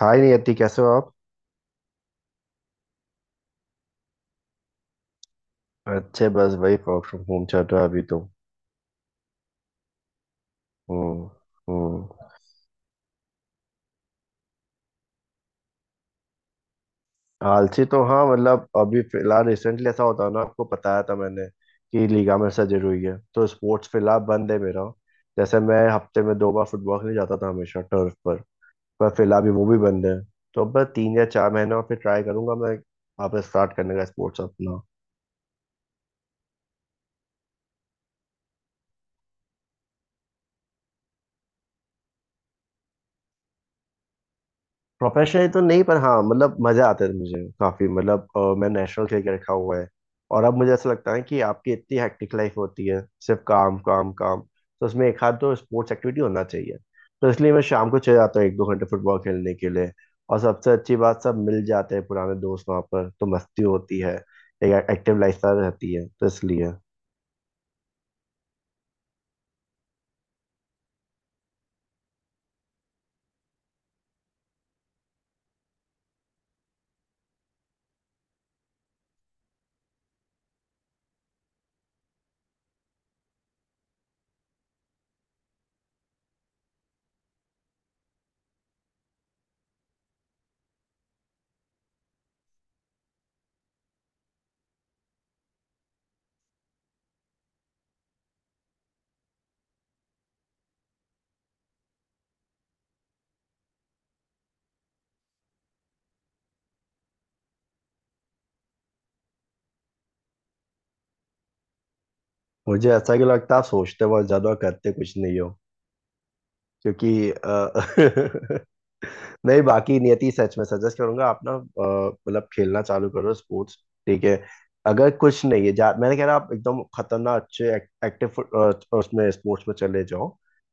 हाय नियति, कैसे हो आप? अच्छे। बस वही वर्क फ्रॉम होम चल रहा है अभी तो। हम्म। हम्म। आलसी तो हाँ, मतलब अभी फिलहाल रिसेंटली ऐसा होता है ना, आपको बताया था मैंने कि लिगामेंट सर्जरी हुई है, तो स्पोर्ट्स फिलहाल बंद है मेरा। जैसे मैं हफ्ते में 2 बार फुटबॉल खेलने जाता था, हमेशा टर्फ पर। पर फिलहाल भी वो भी बंद है। तो अब बस 3 या 4 महीने और फिर ट्राई करूंगा मैं वापस स्टार्ट करने का स्पोर्ट्स अपना। प्रोफेशनली तो नहीं, पर हाँ मतलब मजा आता है मुझे काफी। मतलब मैं नेशनल खेल के रखा हुआ है। और अब मुझे ऐसा लगता है कि आपकी इतनी हेक्टिक लाइफ होती है, सिर्फ काम काम काम, तो उसमें एक हाथ तो स्पोर्ट्स एक्टिविटी होना चाहिए। तो इसलिए मैं शाम को चले जाता हूँ एक दो घंटे फुटबॉल खेलने के लिए। और सबसे अच्छी बात, सब मिल जाते हैं पुराने दोस्त वहाँ पर, तो मस्ती होती है। एक एक्टिव लाइफस्टाइल रहती है तो इसलिए। मुझे ऐसा क्यों लगता है आप सोचते बहुत ज्यादा और करते कुछ नहीं? क्योंकि नहीं, बाकी नियति, सच में सजेस्ट करूंगा आप ना, मतलब खेलना चालू करो स्पोर्ट्स। ठीक है। अगर कुछ नहीं है मैंने कह रहा आप एकदम खतरनाक अच्छे एक्टिव, उसमें स्पोर्ट्स में चले जाओ।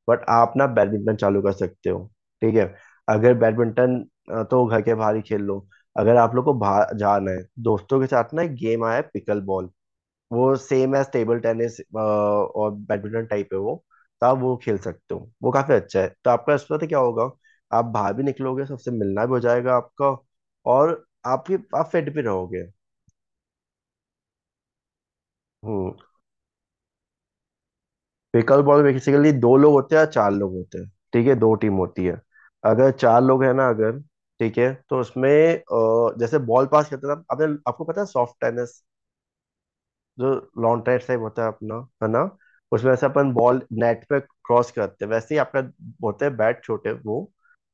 बट आप ना बैडमिंटन चालू कर सकते हो। ठीक है। अगर बैडमिंटन तो घर के बाहर ही खेल लो। अगर आप लोग को बाहर जाना है दोस्तों के साथ ना, एक गेम आया है, पिकल बॉल। वो सेम एज टेबल टेनिस और बैडमिंटन टाइप है वो। तो आप वो खेल सकते हो, वो काफी अच्छा है। तो आपका इसमें पता क्या होगा, आप बाहर भी निकलोगे, सबसे मिलना भी हो जाएगा आपका, और आपकी आप फिट भी रहोगे। हम्म। पिकल बॉल में बेसिकली दो लोग होते हैं या चार लोग होते हैं। ठीक है, दो टीम होती है। अगर चार लोग हैं ना, अगर ठीक है, तो उसमें जैसे बॉल पास करते हैं ना, आपने आपको पता है सॉफ्ट टेनिस, जो लॉन्ट्रेट टाइप होता है अपना, है ना, उसमें से अपन बॉल नेट पे क्रॉस करते हैं, वैसे ही आपका होता है बैट छोटे वो।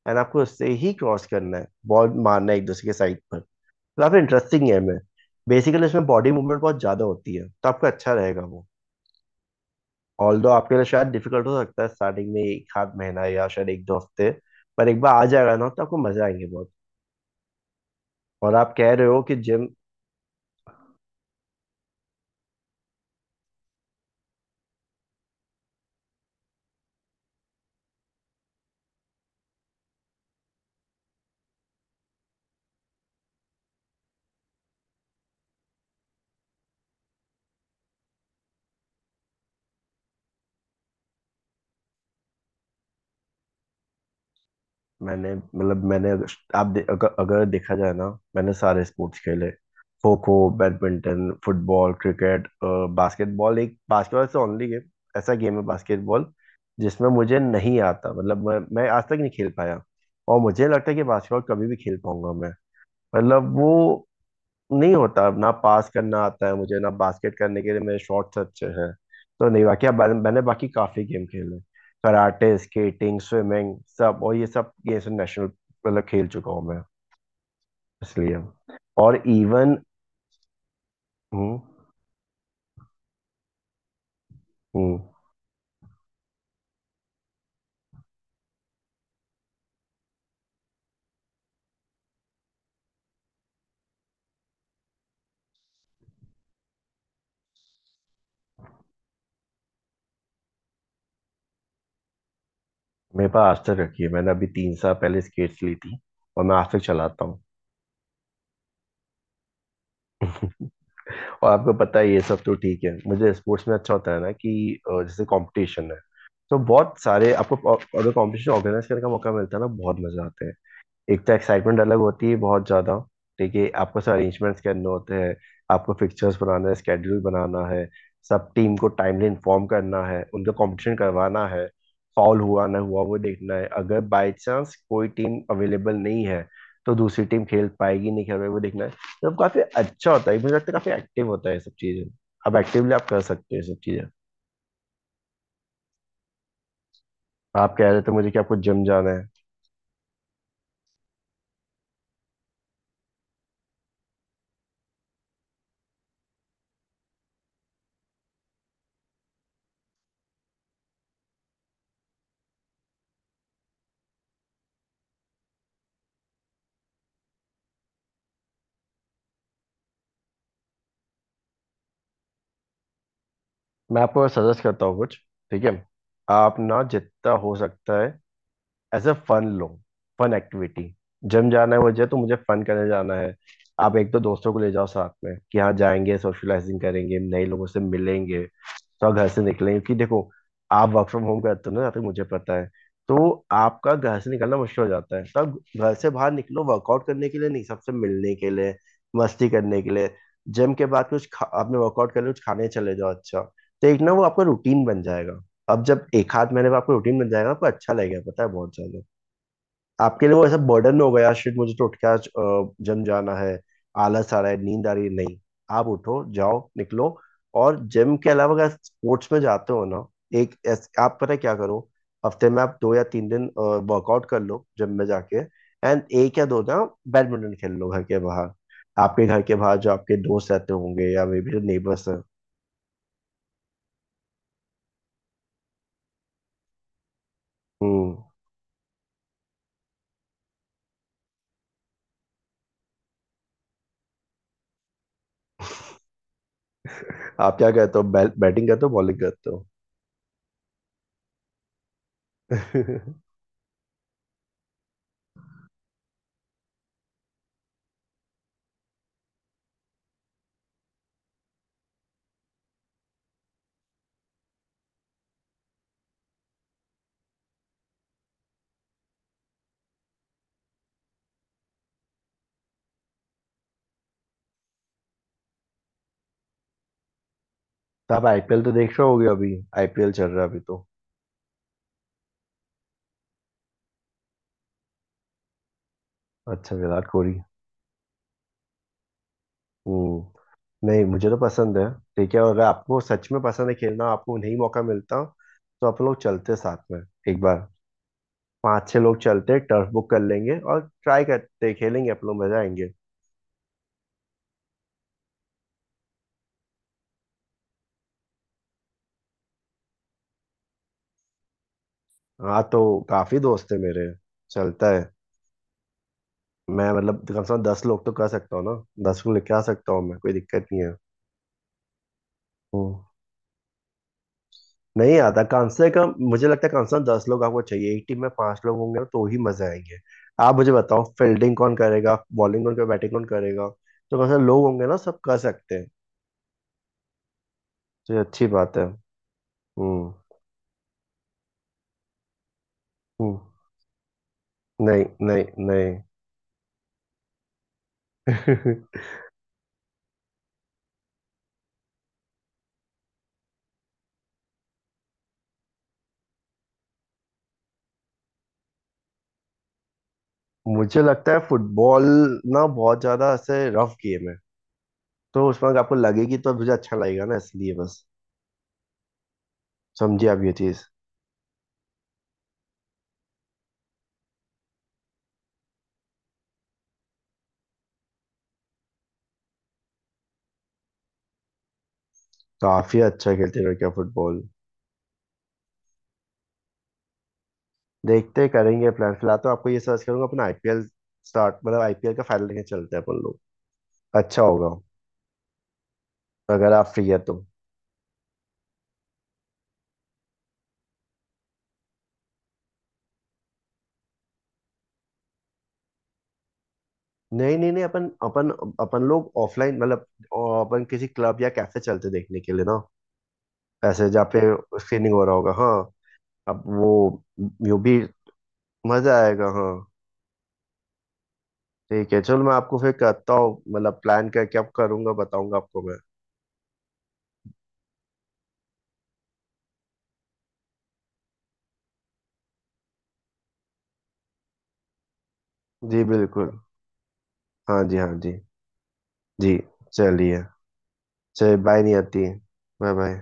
एंड आपको उससे ही क्रॉस करना है, बॉल मारना है एक दूसरे के साइड पर। तो काफी इंटरेस्टिंग गेम है। बेसिकली इसमें बॉडी मूवमेंट बहुत ज्यादा होती है, तो आपको अच्छा रहेगा वो। ऑल्दो आपके लिए शायद डिफिकल्ट हो सकता है स्टार्टिंग में, एक आध महीना या शायद एक दो हफ्ते, पर एक बार आ जाएगा ना तो आपको मजा आएंगे बहुत। और आप कह रहे हो कि जिम। मैंने मतलब मैंने, अगर आप दे, अगर, अगर देखा जाए ना, मैंने सारे स्पोर्ट्स खेले, kho kho, badminton, football, cricket, basketball. एक बास्केटबॉल से ओनली गेम, ऐसा गेम है बास्केटबॉल जिसमें मुझे नहीं आता, मतलब मैं आज तक नहीं खेल पाया, और मुझे लगता है कि बास्केटबॉल कभी भी खेल पाऊंगा मैं। मतलब वो नहीं होता ना, पास करना आता है मुझे ना, बास्केट करने के लिए मेरे शॉट्स अच्छे हैं तो नहीं। बाकी अब मैंने मैंने बाकी काफी गेम खेले, कराटे, स्केटिंग, स्विमिंग, सब। और ये सब नेशनल मतलब खेल चुका हूँ मैं, इसलिए। और इवन। हम्म। हम्म। मेरे पास आज तक रखी है, मैंने अभी 3 साल पहले स्केट्स ली थी, और मैं आज तक चलाता हूँ। और आपको पता है ये सब तो ठीक है, मुझे स्पोर्ट्स में अच्छा होता है ना कि जैसे कंपटीशन है, तो बहुत सारे आपको अगर कंपटीशन ऑर्गेनाइज करने का मौका मिलता है ना, बहुत मजा आता है। एक तो एक्साइटमेंट अलग होती है बहुत ज़्यादा। ठीक है। आपको सब अरेंजमेंट्स करने होते हैं, आपको फिक्चर्स बनाना है, स्केड्यूल बनाना है, सब टीम को टाइमली इन्फॉर्म करना है, उनका कंपटीशन करवाना है। फाउल हुआ ना हुआ वो देखना है, अगर बाई चांस कोई टीम अवेलेबल नहीं है तो दूसरी टीम खेल पाएगी नहीं खेल पाएगी, वो देखना है। तो काफ़ी अच्छा होता है, मुझे लगता है काफ़ी एक्टिव होता है ये सब चीज़ें। अब एक्टिवली आप कर सकते हो ये सब चीज़ें। आप कह रहे थे मुझे कि आपको जिम जाना है, मैं आपको सजेस्ट करता हूँ कुछ। ठीक है। आप ना जितना हो सकता है as a fun low, fun activity. Gym जाना है मुझे तो मुझे फन करने जाना है। आप एक तो दोस्तों को ले जाओ साथ में कि हाँ जाएंगे, सोशलाइजिंग करेंगे, नए लोगों से मिलेंगे, तो घर से निकलेंगे, क्योंकि देखो आप वर्क फ्रॉम होम करते हो ना जहाँ तक मुझे पता है, तो आपका घर से निकलना मुश्किल हो जाता है। तब घर से बाहर निकलो, वर्कआउट करने के लिए नहीं, सबसे मिलने के लिए, मस्ती करने के लिए। जिम के बाद कुछ आपने वर्कआउट कर लिया कुछ खाने चले जाओ, अच्छा। तो एक ना वो आपका रूटीन बन जाएगा। अब जब एक हाथ महीने में आपको रूटीन बन जाएगा, आपको अच्छा लगेगा पता है, बहुत ज्यादा। आपके लिए वो ऐसा बर्डन हो गया, शिट मुझे तो उठ के आज जिम जाना है, आलस आ रहा है, नींद आ रही है, नहीं। आप उठो जाओ निकलो। और जिम के अलावा अगर स्पोर्ट्स में जाते हो ना, आप पता है क्या करो, हफ्ते में आप 2 या 3 दिन वर्कआउट कर लो जिम में जाके, एंड एक या दो ना बैडमिंटन खेल लो घर के बाहर। आपके घर के बाहर जो आपके दोस्त रहते होंगे या मे बी जो नेबर्स हैं। हम्म। आप क्या करते हो, बैटिंग करते हो बॉलिंग करते हो तो? आप आईपीएल तो देख रहे होगे अभी। आईपीएल चल रहा है अभी तो। अच्छा, विराट कोहली। हम्म, नहीं, मुझे तो पसंद है। ठीक है। और अगर आपको सच में पसंद है खेलना, आपको नहीं मौका मिलता, तो आप लोग चलते साथ में, एक बार पांच छह लोग चलते, टर्फ बुक कर लेंगे और ट्राई करते खेलेंगे, आप लोग मजा आएंगे। हाँ तो काफी दोस्त है मेरे, चलता है। मैं मतलब कम से कम 10 लोग तो कर सकता हूँ ना, 10 को लेके आ सकता हूँ मैं, कोई दिक्कत नहीं है। हम्म। नहीं आता कम से कम, मुझे लगता है कम से कम दस लोग आपको चाहिए, एक टीम में पांच लोग होंगे ना तो ही मजे आएंगे। आप मुझे बताओ फील्डिंग कौन करेगा, बॉलिंग कौन करेगा, बैटिंग कौन करेगा। तो कम से कम लोग होंगे ना, सब कर सकते हैं। तो ये अच्छी बात है। हम्म। हम्म। नहीं, नहीं, नहीं। मुझे लगता है फुटबॉल ना बहुत ज्यादा ऐसे रफ गेम है, तो उसमें अगर आपको लगेगी, तो मुझे अच्छा लगेगा ना, इसलिए बस। समझिए आप ये चीज। काफी अच्छा खेलते हैं लड़कियां फुटबॉल। देखते हैं, करेंगे प्लान। फिलहाल तो आपको ये सर्च करूंगा अपना, आईपीएल स्टार्ट, मतलब आईपीएल का फाइनल लेके चलते हैं अपन लोग, अच्छा होगा, अगर आप फ्री है तो। नहीं, नहीं, नहीं, अपन अपन अपन लोग ऑफलाइन मतलब अ, अपन किसी क्लब या कैफे चलते देखने के लिए ना, ऐसे जहाँ पे स्क्रीनिंग हो रहा होगा, हाँ। अब वो भी मजा आएगा, हाँ। ठीक है, चलो मैं आपको फिर करता हूँ, मतलब प्लान करके अब करूंगा, बताऊंगा आपको मैं। जी बिल्कुल। हाँ जी, हाँ जी। जी। चलिए, चलिए, बाय नहीं आती। Bye, bye.